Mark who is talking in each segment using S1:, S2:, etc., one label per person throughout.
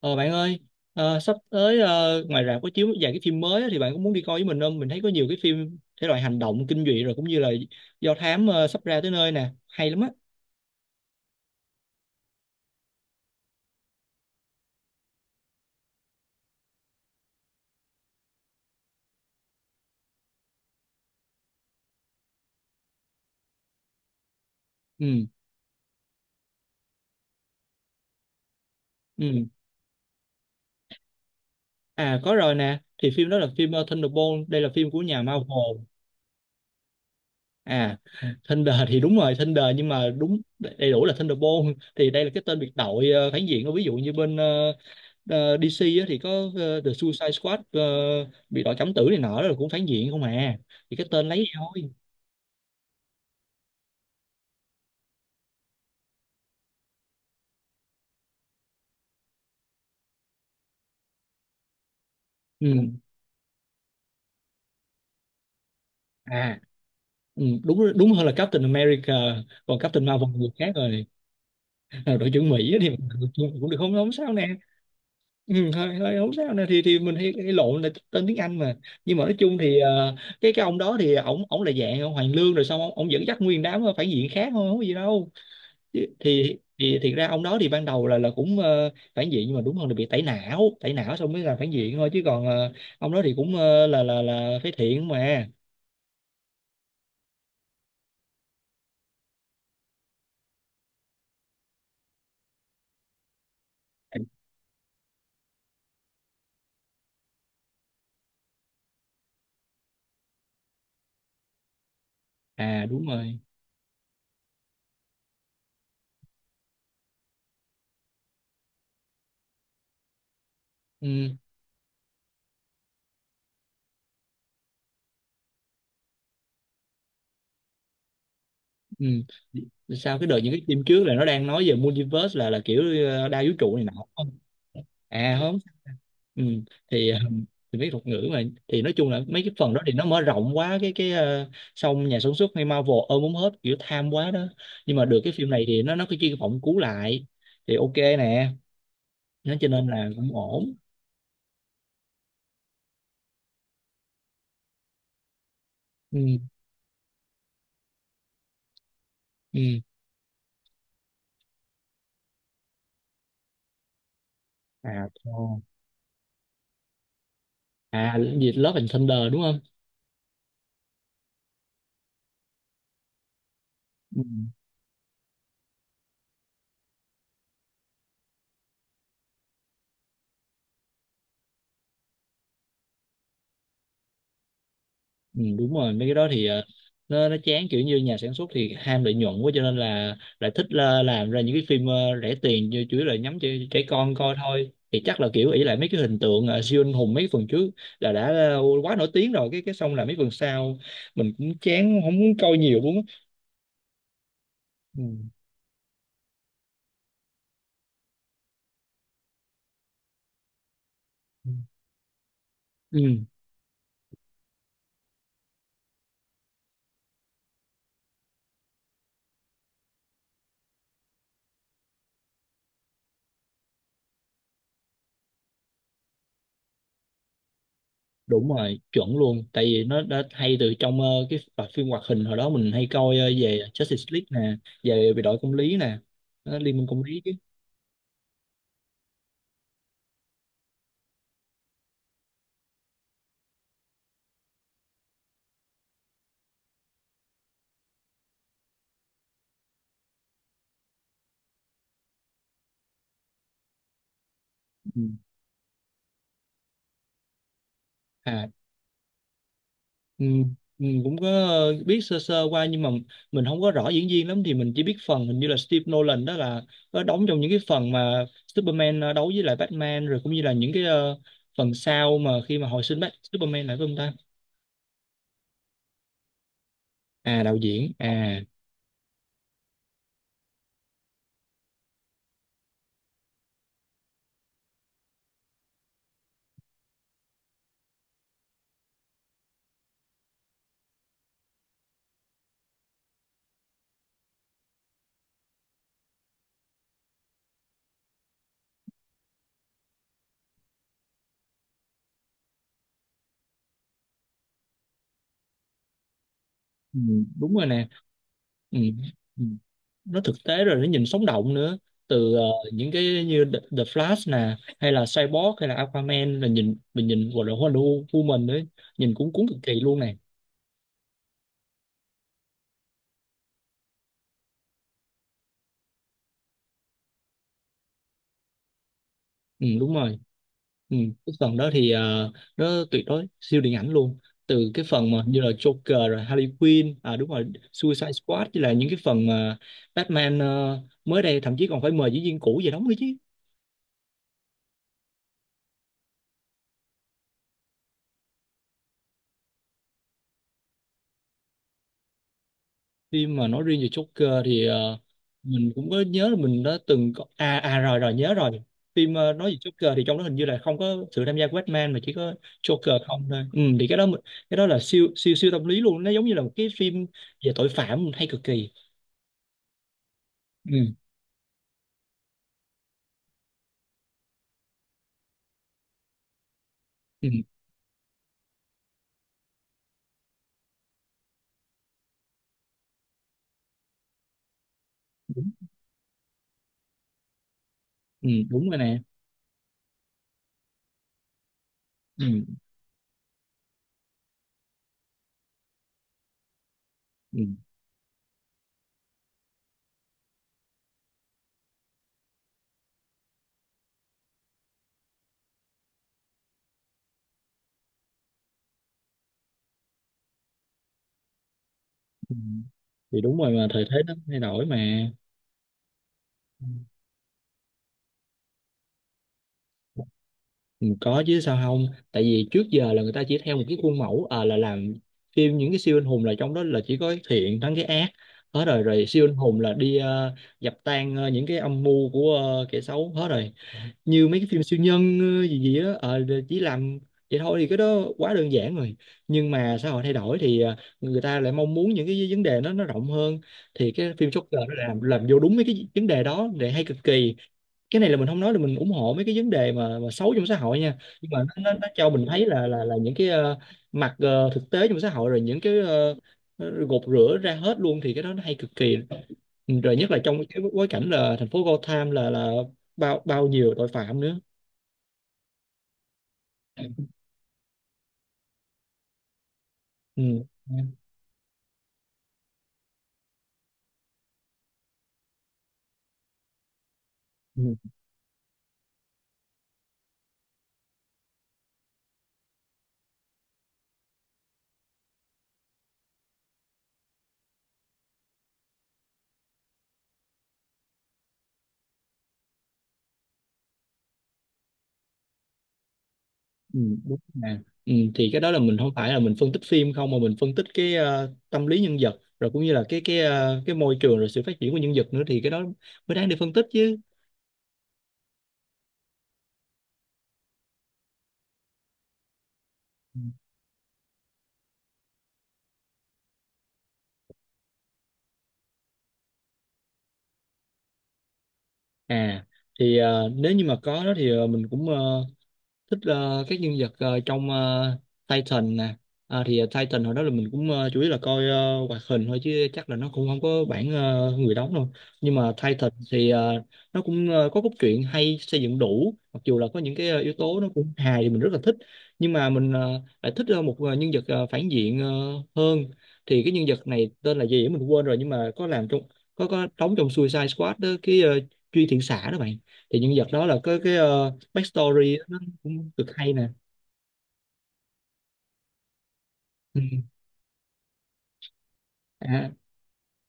S1: Ờ bạn ơi, sắp tới ngoài rạp có chiếu vài cái phim mới á, thì bạn có muốn đi coi với mình không? Mình thấy có nhiều cái phim thể loại hành động, kinh dị rồi cũng như là do thám sắp ra tới nơi nè, hay lắm á. Ừ, ừ. À có rồi nè, thì phim đó là phim Thunderbolt, đây là phim của nhà Marvel. À, Thunder thì đúng rồi, Thunder nhưng mà đúng đầy đủ là Thunderbolt, thì đây là cái tên biệt đội phản diện. Ví dụ như bên DC á, thì có The Suicide Squad, biệt đội cấm tử này nọ, đó là cũng phản diện không à. Thì cái tên lấy thôi. Ừ. À, ừ, đúng đúng hơn là Captain America, còn Captain Marvel là người khác rồi. À, đội trưởng Mỹ á thì cũng được, không không sao nè. Ừ, hơi hơi không sao nè. Thì mình hay lộn là tên tiếng Anh mà. Nhưng mà nói chung thì cái ông đó thì ổng ổng là dạng ông Hoàng Lương, rồi xong ông dẫn dắt nguyên đám phản diện khác thôi, không có gì đâu. Thì thiệt ra ông đó thì ban đầu là cũng phản diện, nhưng mà đúng hơn là bị tẩy não. Tẩy não xong mới là phản diện thôi, chứ còn ông đó thì cũng là phế thiện mà. À đúng rồi. Ừ. Ừ. Sao cái đợt những cái phim trước là nó đang nói về multiverse, là kiểu đa vũ trụ này nọ, đúng không? À không. Ừ. thì ờ, thì mấy thuật ngữ mà thì nói chung là mấy cái phần đó thì nó mở rộng quá cái. Xong nhà sản xuất hay Marvel ôm muốn hết, kiểu tham quá đó. Nhưng mà được cái phim này thì nó cái chuyên phỏng cứu lại, thì ok nè, nó cho nên là cũng ổn. Ừ. Ừ. À thôi. À cái gì Love and Thunder đúng không? Ừ. Ừ, đúng rồi. Mấy cái đó thì nó chán, kiểu như nhà sản xuất thì ham lợi nhuận quá cho nên là lại thích là làm ra những cái phim rẻ tiền, như chủ yếu là nhắm cho trẻ con coi thôi, thì chắc là kiểu ỷ lại mấy cái hình tượng siêu anh hùng mấy phần trước là đã quá nổi tiếng rồi. Cái xong là mấy phần sau mình cũng chán không muốn coi nhiều luôn á. Ừ. Ừ đúng rồi, chuẩn luôn. Tại vì nó đã hay từ trong cái loạt phim hoạt hình hồi đó mình hay coi về Justice League nè. Về về đội công lý nè. Đó, Liên minh công lý chứ. Ừ. À, ừ, mình cũng có biết sơ sơ qua, nhưng mà mình không có rõ diễn viên lắm, thì mình chỉ biết phần hình như là Steve Nolan đó là có đóng trong những cái phần mà Superman đấu với lại Batman, rồi cũng như là những cái phần sau mà khi mà hồi sinh Bat Superman lại với ông ta. À, đạo diễn à. Ừ, đúng rồi nè. Ừ. Ừ. Nó thực tế rồi nó nhìn sống động nữa. Từ những cái như The Flash nè, hay là Cyborg, hay là Aquaman, là nhìn mình nhìn gọi là Wonder Woman nữa, nhìn cũng cuốn cực kỳ luôn nè. Ừ, đúng rồi. Ừ, cái phần đó thì nó tuyệt đối siêu điện ảnh luôn. Từ cái phần mà như là Joker rồi Harley Quinn, à đúng rồi, Suicide Squad, với là những cái phần mà Batman mới đây thậm chí còn phải mời diễn viên cũ về đóng nữa chứ. Phim mà nói riêng về Joker thì mình cũng có nhớ là mình đã từng có. À rồi, nhớ rồi. Phim nói về Joker thì trong đó hình như là không có sự tham gia của Batman, mà chỉ có Joker không thôi. Ừ, thì cái đó mình- cái đó là siêu siêu siêu tâm lý luôn, nó giống như là một cái phim về tội phạm hay cực kỳ. Ừ. Ừ. Ừ, đúng rồi nè. Ừ. Ừ. Ừ. Thì đúng rồi, mà thời thế nó thay đổi mà. Ừ, có chứ sao không. Tại vì trước giờ là người ta chỉ theo một cái khuôn mẫu, à, là làm phim những cái siêu anh hùng, là trong đó là chỉ có cái thiện thắng cái ác hết rồi. Siêu anh hùng là đi dập tan những cái âm mưu của kẻ xấu hết rồi. Như mấy cái phim siêu nhân gì gì á, chỉ làm vậy thôi, thì cái đó quá đơn giản rồi. Nhưng mà xã hội thay đổi thì người ta lại mong muốn những cái vấn đề nó rộng hơn. Thì cái phim Joker nó làm vô đúng mấy cái vấn đề đó, để hay cực kỳ. Cái này là mình không nói là mình ủng hộ mấy cái vấn đề mà xấu trong xã hội nha, nhưng mà nó cho mình thấy là những cái mặt thực tế trong xã hội, rồi những cái gột rửa ra hết luôn, thì cái đó nó hay cực kỳ. Rồi nhất là trong cái bối cảnh là thành phố Gotham là bao bao nhiêu tội phạm nữa. Ừ. Ừ. Ừ, đúng nè. Ừ, thì cái đó là mình không phải là mình phân tích phim không, mà mình phân tích cái tâm lý nhân vật, rồi cũng như là cái cái môi trường rồi sự phát triển của nhân vật nữa, thì cái đó mới đáng để phân tích chứ. Ừ. À thì nếu như mà có đó thì mình cũng thích các nhân vật trong Titan nè. À, thì Titan hồi đó là mình cũng chủ yếu là coi hoạt hình thôi, chứ chắc là nó cũng không có bản người đóng đâu. Nhưng mà Titan thì nó cũng có cốt truyện hay, xây dựng đủ, mặc dù là có những cái yếu tố nó cũng hài, thì mình rất là thích. Nhưng mà mình lại thích một nhân vật phản diện hơn. Thì cái nhân vật này tên là gì á mình quên rồi, nhưng mà có làm trong, có đóng trong Suicide Squad đó, cái Truy Thiện Xã đó bạn. Thì nhân vật đó là có cái backstory nó cũng cực hay nè. Ừ. À,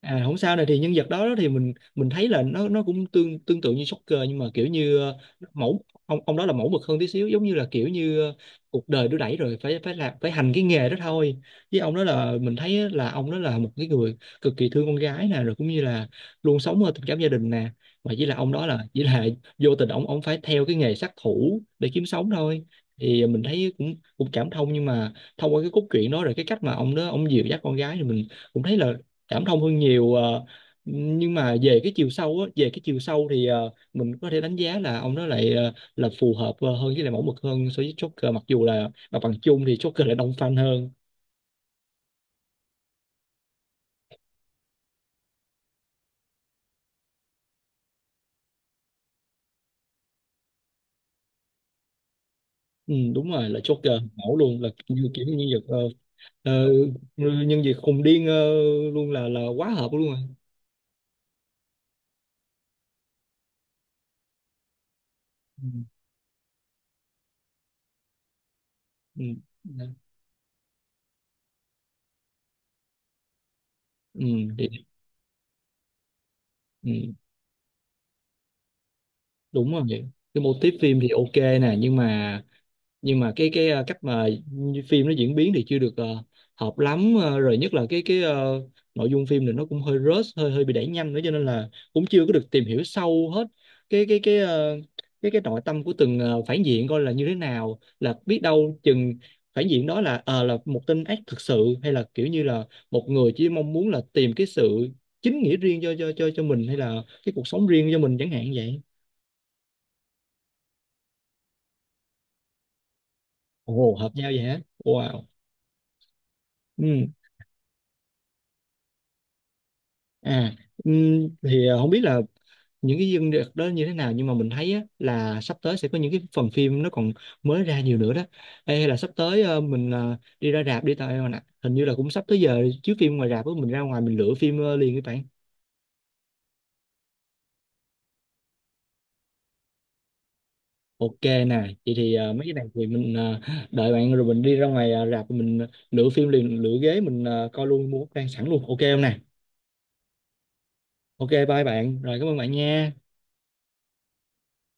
S1: à không sao. Này thì nhân vật đó thì mình thấy là nó cũng tương tương tự như Joker, nhưng mà kiểu như mẫu ông đó là mẫu mực hơn tí xíu, giống như là kiểu như cuộc đời đưa đẩy rồi phải phải làm phải hành cái nghề đó thôi. Với ông đó là mình thấy là ông đó là một cái người cực kỳ thương con gái nè, rồi cũng như là luôn sống ở tình cảm gia đình nè. Mà chỉ là ông đó là chỉ là vô tình ông phải theo cái nghề sát thủ để kiếm sống thôi. Thì mình thấy cũng cũng cảm thông, nhưng mà thông qua cái cốt truyện đó, rồi cái cách mà ông đó ông dìu dắt con gái, thì mình cũng thấy là cảm thông hơn nhiều, nhưng mà về cái chiều sâu á, về cái chiều sâu thì mình có thể đánh giá là ông đó lại là phù hợp hơn, với lại mẫu mực hơn so với Joker, mặc dù là mặt bằng chung thì Joker lại đông fan hơn. Ừ, đúng rồi, là Joker mẫu luôn, là như kiểu như nhân vật ờ, nhân vật khùng điên luôn, là quá hợp luôn rồi. Ừ. Ừ. Ừ, thì, ừ, đúng rồi. Cái mô típ phim thì ok nè, nhưng mà cái cách mà phim nó diễn biến thì chưa được hợp lắm. Ờ, Rồi nhất là cái nội dung phim thì nó cũng hơi rush, hơi hơi bị đẩy nhanh nữa, cho nên là cũng chưa có được tìm hiểu sâu hết cái ờ, cái nội tâm của từng phản diện, coi là như thế nào, là biết đâu chừng phản diện đó là là một tên ác thực sự, hay là kiểu như là một người chỉ mong muốn là tìm cái sự chính nghĩa riêng cho mình, hay là cái cuộc sống riêng cho mình chẳng hạn vậy. Ồ hợp nhau vậy hả, wow. Ừ. À, thì không biết là những cái dương được đó như thế nào, nhưng mà mình thấy á, là sắp tới sẽ có những cái phần phim nó còn mới ra nhiều nữa đó. Ê, hay là sắp tới mình đi ra rạp đi tao em ạ. Hình như là cũng sắp tới giờ chiếu phim ngoài rạp á, mình ra ngoài mình lựa phim liền các bạn. Ok nè, vậy thì mấy cái này thì mình đợi bạn rồi mình đi ra ngoài rạp, mình lựa phim liền, lựa ghế, mình coi luôn, mua vé sẵn luôn. Ok không nè. Ok bye bạn. Rồi cảm ơn bạn nha.